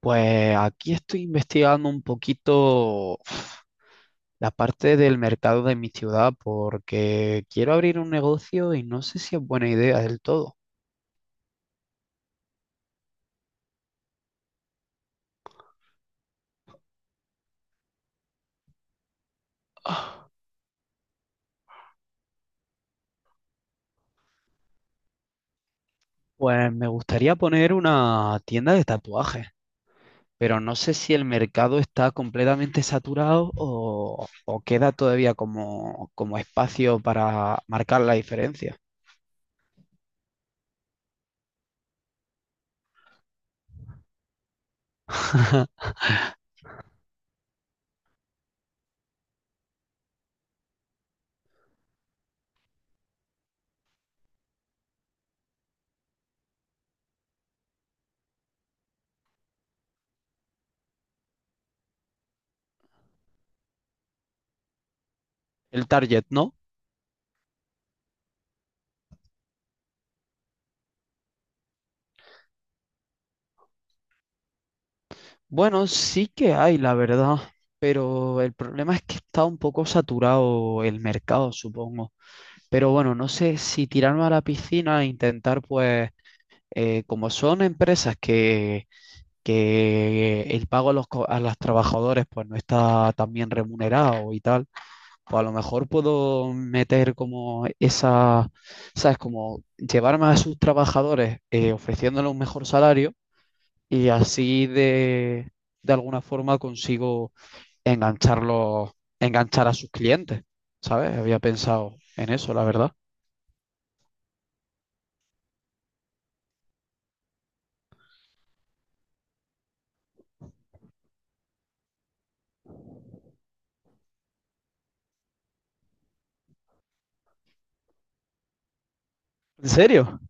Pues aquí estoy investigando un poquito la parte del mercado de mi ciudad porque quiero abrir un negocio y no sé si es buena idea del todo. Ah, pues me gustaría poner una tienda de tatuajes, pero no sé si el mercado está completamente saturado o queda todavía como espacio para marcar la diferencia. El target, ¿no? Bueno, sí que hay, la verdad, pero el problema es que está un poco saturado el mercado, supongo. Pero bueno, no sé si tirarme a la piscina e intentar, pues, como son empresas que el pago a los trabajadores, pues, no está tan bien remunerado y tal, pues a lo mejor puedo meter como esa, ¿sabes? Como llevarme a sus trabajadores ofreciéndoles un mejor salario y así de alguna forma consigo engancharlos, enganchar a sus clientes, ¿sabes? Había pensado en eso, la verdad. ¿En serio?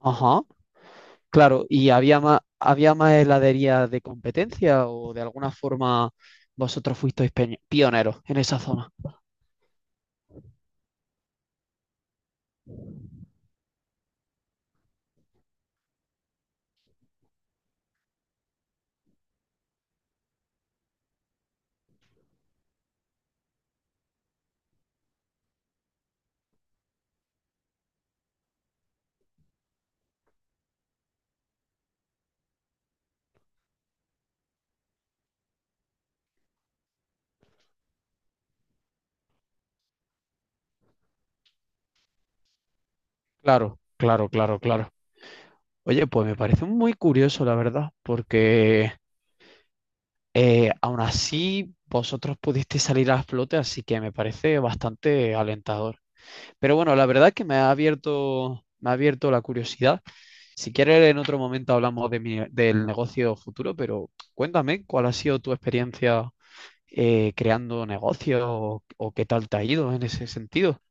Ajá. Claro, ¿y había más heladerías de competencia o de alguna forma vosotros fuisteis pioneros en esa zona? Claro, claro, claro, claro. Oye, pues me parece muy curioso, la verdad, porque aún así vosotros pudisteis salir a flote, así que me parece bastante alentador. Pero bueno, la verdad es que me ha abierto la curiosidad. Si quieres, en otro momento hablamos de del negocio futuro, pero cuéntame cuál ha sido tu experiencia creando negocios o qué tal te ha ido en ese sentido.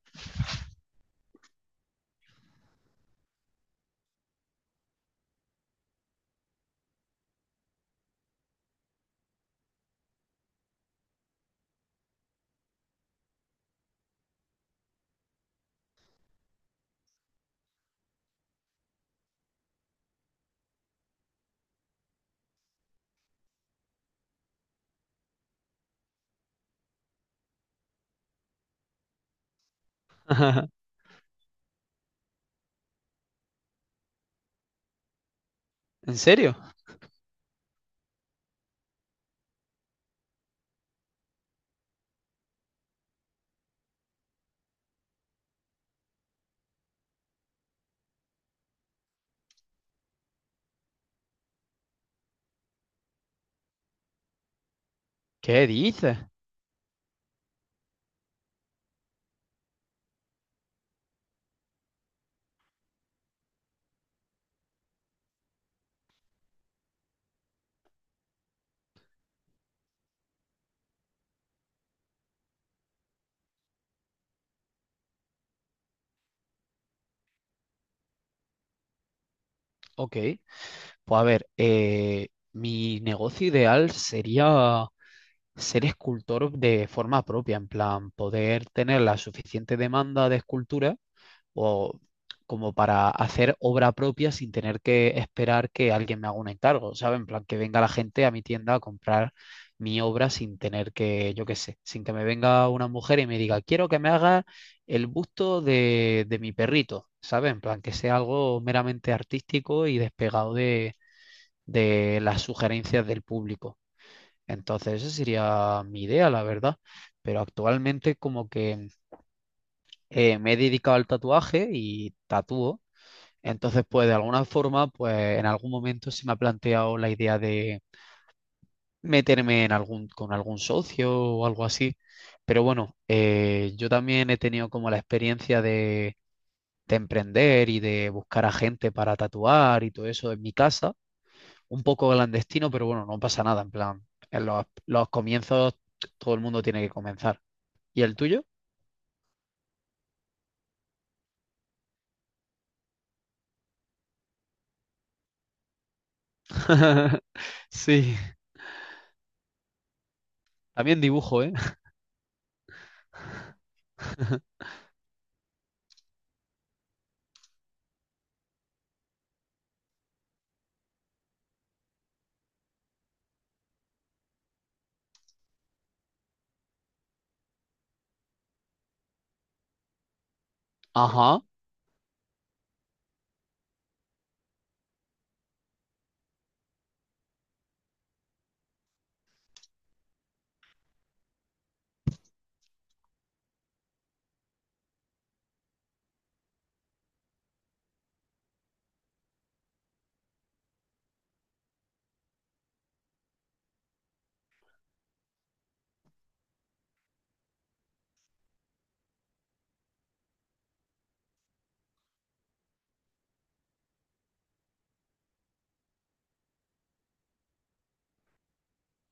¿En serio? ¿Qué dices? Ok, pues a ver, mi negocio ideal sería ser escultor de forma propia, en plan, poder tener la suficiente demanda de escultura o como para hacer obra propia sin tener que esperar que alguien me haga un encargo, ¿sabes? En plan, que venga la gente a mi tienda a comprar mi obra sin tener que, yo qué sé, sin que me venga una mujer y me diga, quiero que me haga el busto de mi perrito, ¿sabes? En plan, que sea algo meramente artístico y despegado de las sugerencias del público. Entonces, esa sería mi idea, la verdad. Pero actualmente como que me he dedicado al tatuaje y tatúo entonces, pues de alguna forma, pues en algún momento se me ha planteado la idea de meterme en algún, con algún socio o algo así. Pero bueno, yo también he tenido como la experiencia de emprender y de buscar a gente para tatuar y todo eso en mi casa. Un poco clandestino, pero bueno, no pasa nada. En plan, en los comienzos todo el mundo tiene que comenzar. ¿Y el tuyo? Sí, también dibujo, ¿eh? Ajá,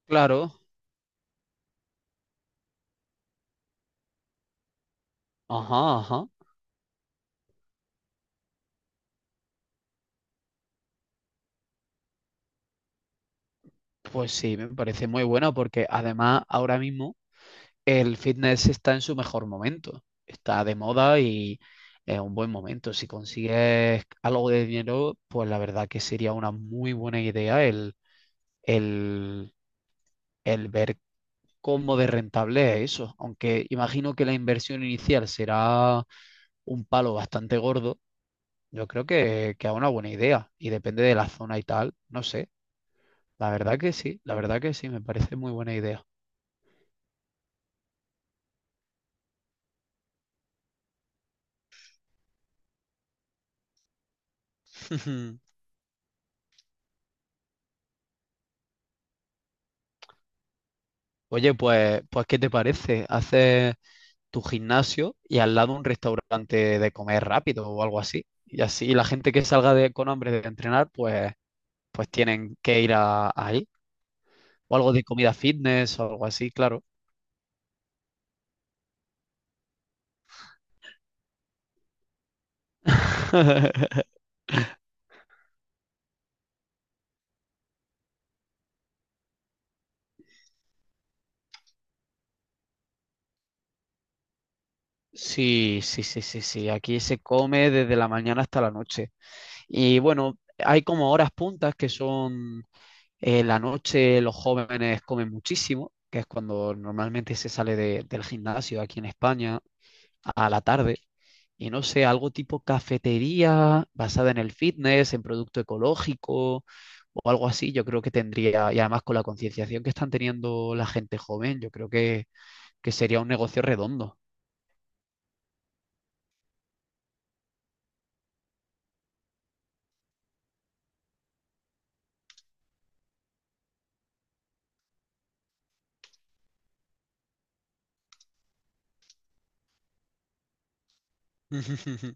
claro. Ajá, ajá. Pues sí, me parece muy bueno porque además ahora mismo el fitness está en su mejor momento, está de moda y es un buen momento. Si consigues algo de dinero, pues la verdad que sería una muy buena idea el, el ver cómo de rentable es eso. Aunque imagino que la inversión inicial será un palo bastante gordo, yo creo que, es una buena idea y depende de la zona y tal, no sé. La verdad que sí, la verdad que sí, me parece muy buena idea. Oye, pues, ¿qué te parece? Haces tu gimnasio y al lado un restaurante de comer rápido o algo así. Y así la gente que salga con hambre de entrenar, pues tienen que ir ahí. O algo de comida fitness o algo así, claro. Sí, sí, sí, sí, sí. Aquí se come desde la mañana hasta la noche. Y bueno, hay como horas puntas que son la noche, los jóvenes comen muchísimo, que es cuando normalmente se sale del gimnasio aquí en España. A la tarde y no sé, algo tipo cafetería basada en el fitness, en producto ecológico o algo así, yo creo que tendría, y además con la concienciación que están teniendo la gente joven, yo creo que sería un negocio redondo.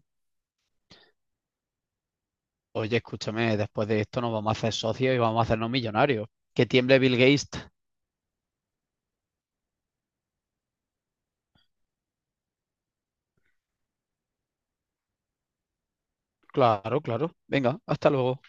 Oye, escúchame, después de esto nos vamos a hacer socios y vamos a hacernos millonarios. Que tiemble Bill Gates. Claro, claro. Venga, hasta luego.